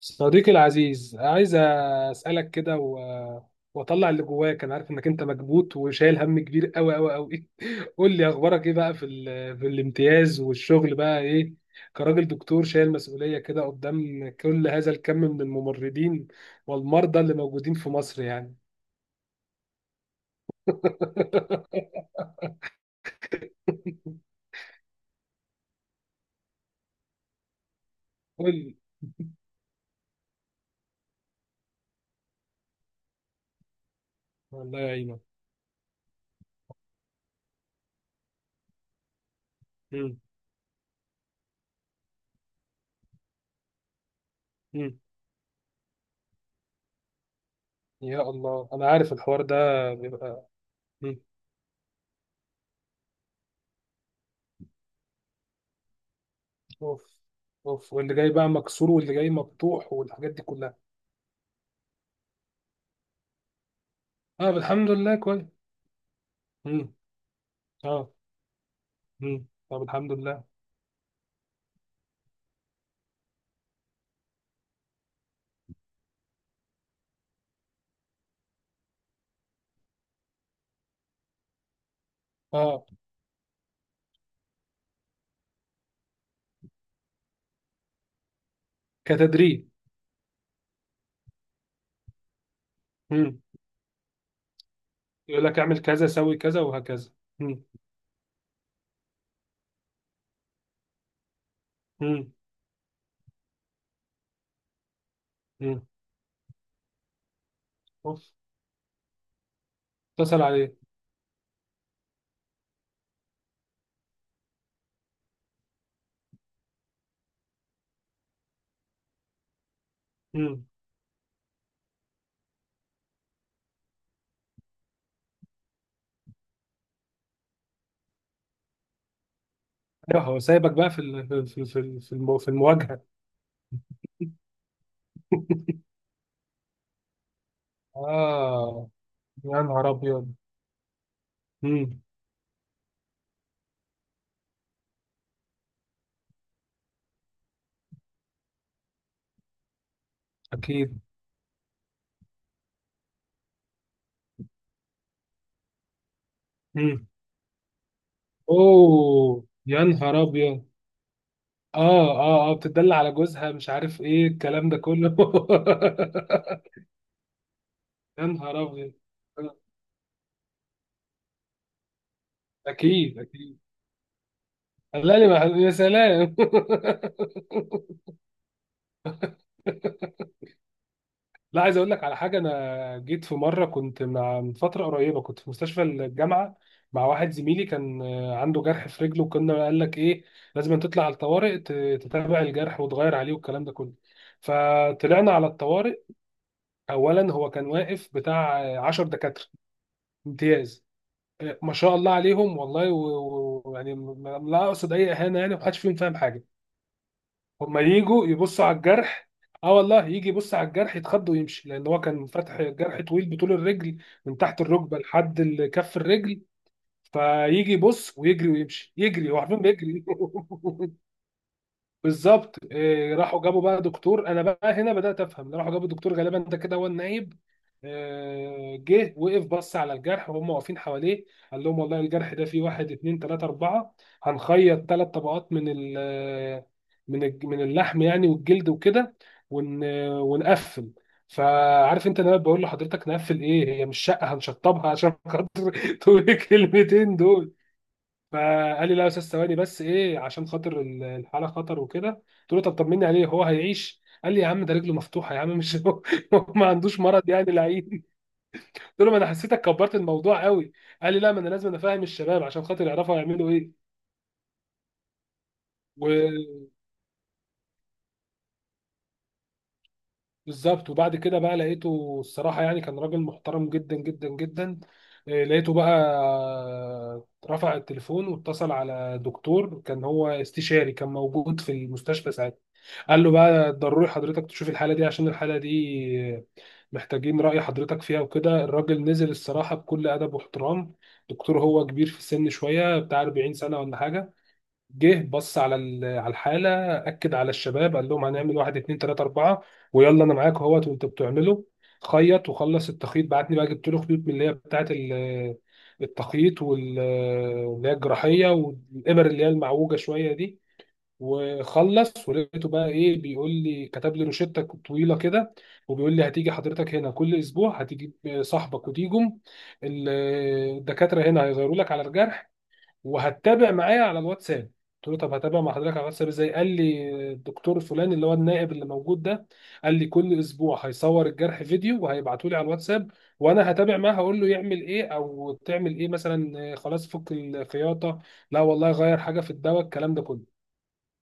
صديقي العزيز، عايز اسالك كده واطلع اللي جواك. انا عارف انك انت مكبوت وشايل هم كبير قوي قوي قوي. قول لي اخبارك ايه بقى في الامتياز، والشغل بقى ايه كراجل دكتور شايل مسؤوليه كده قدام كل هذا الكم من الممرضين والمرضى اللي موجودين في مصر يعني. قول لي. الله يعينك. مم. مم. يا الله، انا عارف الحوار ده بيبقى. مم. اوف. اوف، واللي جاي بقى مكسور واللي جاي مفتوح والحاجات دي كلها. اه، الحمد لله، كويس. امم اه. طب الحمد لله. اه. كتدريب. امم يقول لك اعمل كذا، سوي كذا، وهكذا. امم امم امم اوف. اتصل عليه. امم ايوه، هو سايبك بقى في ال... في في في في المو- في المواجهه. اه، يا نهار ابيض. امم اكيد. امم اوه يا نهار ابيض. اه. اه اه، بتدل على جوزها، مش عارف ايه الكلام ده كله. يا نهار ابيض. اكيد اكيد. لا لي مع- يا سلام. لا، عايز اقول لك على حاجه. انا جيت في مره، كنت مع، من فتره قريبه كنت في مستشفى الجامعه مع واحد زميلي، كان عنده جرح في رجله، وكنا قال لك ايه لازم تطلع على الطوارئ تتابع الجرح وتغير عليه والكلام ده كله. فطلعنا على الطوارئ. اولا هو كان واقف بتاع 10 دكاتره امتياز. ما شاء الله عليهم والله لا اقصد اي اهانه، يعني محدش فيهم فاهم حاجه. هما يجوا يبصوا على الجرح. اه والله، يجي يبص على الجرح يتخض ويمشي، لان هو كان فاتح جرح طويل بطول الرجل من تحت الركبه لحد كف الرجل. فيجي يبص ويجري ويمشي، يجري هو، عارفين بيجري. بالظبط. راحوا جابوا بقى دكتور، انا بقى هنا بدات افهم، راحوا جابوا دكتور غالبا ده كده هو النايب. جه وقف بص على الجرح وهم واقفين حواليه. قال لهم والله الجرح ده فيه واحد اتنين تلاته اربعه، هنخيط ثلاث طبقات من من اللحم يعني، والجلد وكده، ون ونقفل. فعارف انت انا بقول لحضرتك نقفل ايه؟ هي مش شقه هنشطبها عشان خاطر. تقول الكلمتين دول. فقال لي لا يا استاذ، ثواني بس، ايه عشان خاطر الحاله خطر وكده. قلت له طب طمني عليه، هو هيعيش؟ قال لي يا عم ده رجله مفتوحه يا عم، مش هو هو ما عندوش مرض يعني لعين. قلت له ما انا حسيتك كبرت الموضوع قوي. قال لي لا ما انا لازم افهم الشباب عشان خاطر يعرفوا هيعملوا ايه. بالظبط. وبعد كده بقى لقيته، الصراحة يعني كان راجل محترم جدا جدا جدا. لقيته بقى رفع التليفون واتصل على دكتور، كان هو استشاري، كان موجود في المستشفى ساعتها. قال له بقى ضروري حضرتك تشوف الحالة دي، عشان الحالة دي محتاجين رأي حضرتك فيها وكده. الراجل نزل الصراحة بكل أدب واحترام. دكتور هو كبير في السن شوية بتاع 40 سنة ولا حاجة. جه بص على على الحاله، اكد على الشباب، قال لهم هنعمل واحد اتنين تلاته اربعه، ويلا انا معاك اهوت وانتوا بتعملوا. خيط وخلص التخيط، بعتني بقى جبت له خيوط من اللي هي بتاعه التخييط، واللي هي الجراحيه، والابر اللي هي المعوجه شويه دي. وخلص، ولقيته بقى ايه، بيقول لي، كتب لي روشته طويله كده، وبيقول لي هتيجي حضرتك هنا كل اسبوع، هتجيب صاحبك وتيجم ال- الدكاتره هنا هيغيروا لك على الجرح، وهتتابع معايا على الواتساب. قلت له طب هتابع مع حضرتك على الواتساب ازاي؟ قال لي الدكتور فلان اللي هو النائب اللي موجود ده، قال لي كل اسبوع هيصور الجرح فيديو وهيبعته لي على الواتساب، وانا هتابع معاه هقول له يعمل ايه او تعمل ايه، مثلا خلاص فك الخياطه، لا والله غير حاجه في الدواء، الكلام ده كله.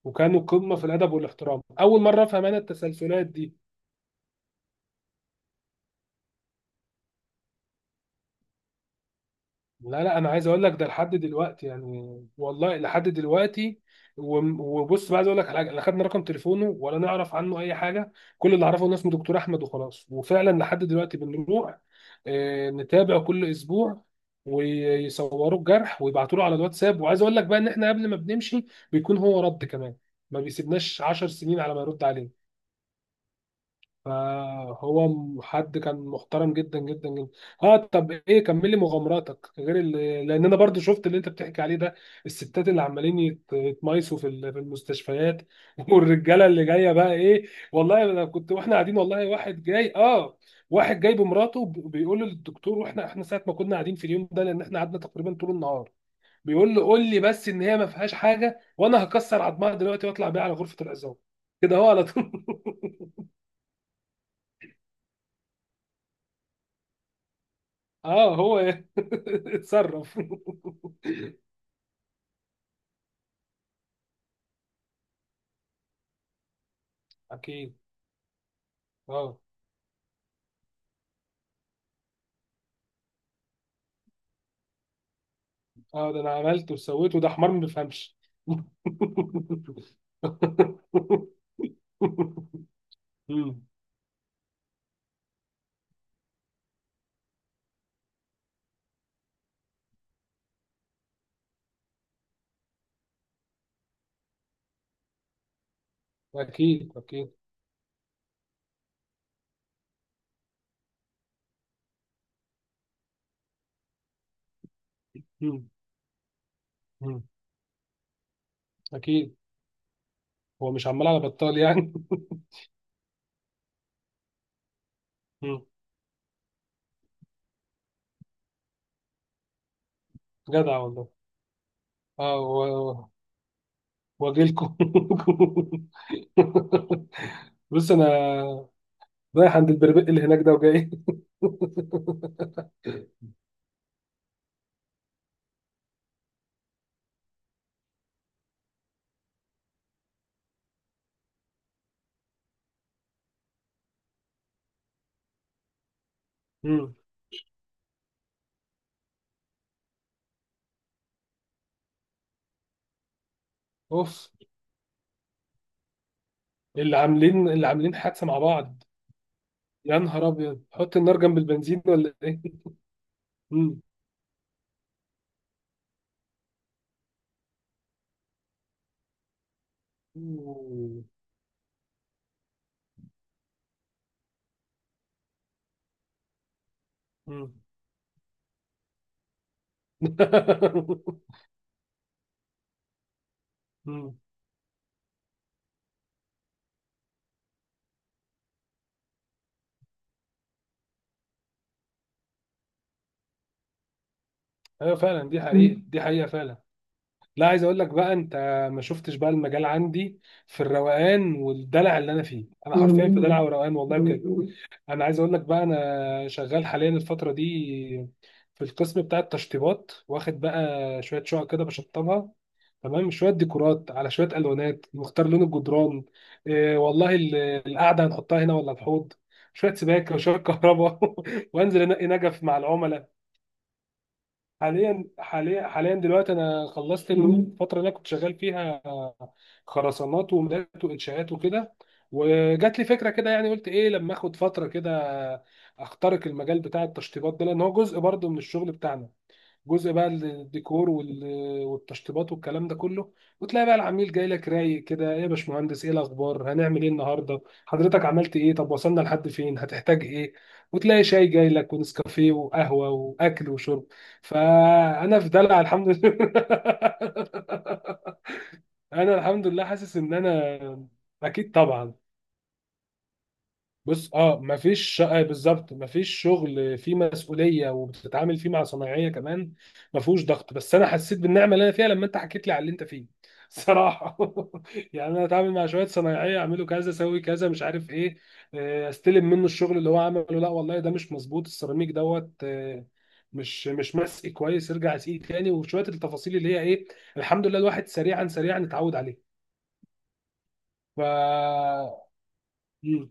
وكانوا قمه في الادب والاحترام. اول مره افهم انا التسلسلات دي. لا لا، انا عايز اقول لك ده لحد دلوقتي يعني، والله لحد دلوقتي. وبص بقى، عايز اقول لك على حاجه، لا خدنا رقم تليفونه ولا نعرف عنه اي حاجه. كل اللي اعرفه ان اسمه دكتور احمد وخلاص. وفعلا لحد دلوقتي بنروح نتابع كل اسبوع، ويصوروا الجرح ويبعتوا له على الواتساب. وعايز اقول لك بقى ان احنا قبل ما بنمشي بيكون هو رد كمان، ما بيسيبناش 10 سنين على ما يرد علينا. حد كان محترم جدا جدا جدا. اه. طب ايه، كملي مغامراتك غير لان انا برضو شفت اللي انت بتحكي عليه ده. الستات اللي عمالين يتمايسوا في في المستشفيات. والرجاله اللي جايه بقى ايه، والله انا كنت واحنا قاعدين والله واحد جاي. اه، واحد جاي بمراته، بيقول للدكتور، واحنا ساعه ما كنا قاعدين في اليوم ده، لان احنا قعدنا تقريبا طول النهار، بيقول له قول لي بس ان هي ما فيهاش حاجه وانا هكسر عظمها دلوقتي واطلع بيها على غرفه العظام، كده هو على طول. اه هو. اتصرف. اكيد. اه اه، ده انا عملت وسويت، وده حمار ما بيفهمش. مم. اكيد اكيد. مم. مم. اكيد. هو مش عمال على بطال يعني. مم. جدع والله. اه واجيلكم. بص انا رايح عند البربق اللي هناك ده وجاي. مم. اوف. اللي عاملين، اللي عاملين حادثه مع بعض؟ يا نهار ابيض، حط النار جنب البنزين ولا ايه؟ مم. مم. مم. مم. ايوه فعلا، دي حقيقة، مم، دي حقيقة فعلا. لا، عايز اقول لك بقى انت، ما شفتش بقى المجال عندي في الروقان والدلع اللي انا فيه. انا حرفيا في دلع وروقان والله بجد. انا عايز اقول لك بقى، انا شغال حاليا الفترة دي في القسم بتاع التشطيبات، واخد بقى شوية شقق كده بشطبها. تمام. شويه ديكورات، على شويه الوانات، نختار لون الجدران، والله القعده هنحطها هنا ولا الحوض، شويه سباكه وشويه كهرباء، وانزل انقي نجف مع العملاء. حاليا حاليا حاليا، دلوقتي انا خلصت الفتره اللي انا كنت شغال فيها خرسانات ومولات وانشاءات وكده، وجات لي فكره كده يعني، قلت ايه لما اخد فتره كده اخترق المجال بتاع التشطيبات ده، لان هو جزء برضه من الشغل بتاعنا. جزء بقى الديكور والتشطيبات والكلام ده كله. وتلاقي بقى العميل جاي لك رايق كده، ايه يا باشمهندس، ايه الاخبار، هنعمل ايه النهارده، حضرتك عملت ايه، طب وصلنا لحد فين، هتحتاج ايه. وتلاقي شاي جاي لك ونسكافيه وقهوه واكل وشرب. فانا في دلع الحمد لله. انا الحمد لله حاسس ان انا. اكيد طبعا. بص اه، مفيش آه، بالظبط مفيش شغل فيه مسؤوليه وبتتعامل فيه مع صنايعيه كمان، مفهوش ضغط. بس انا حسيت بالنعمه اللي انا فيها لما انت حكيت لي على اللي انت فيه صراحه. يعني انا اتعامل مع شويه صنايعيه، اعملوا كذا، اسوي كذا، مش عارف ايه. استلم منه الشغل اللي هو عمله، لا والله ده مش مظبوط، السيراميك دوت مش مسئي كويس، ارجع اسقيه تاني، وشويه التفاصيل اللي هي ايه. الحمد لله الواحد سريعا سريعا اتعود عليه. ف مم.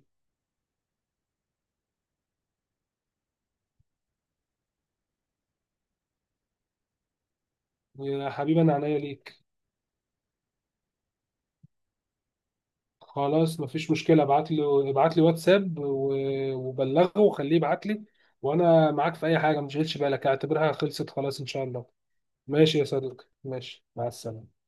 يا حبيبي، انا عينيا ليك. خلاص مفيش مشكلة، ابعت له، ابعت لي واتساب وبلغه وخليه يبعت لي، وانا معاك في اي حاجة، ما تشغلش بالك، اعتبرها خلصت خلاص ان شاء الله. ماشي يا صديقي، ماشي، مع السلامة.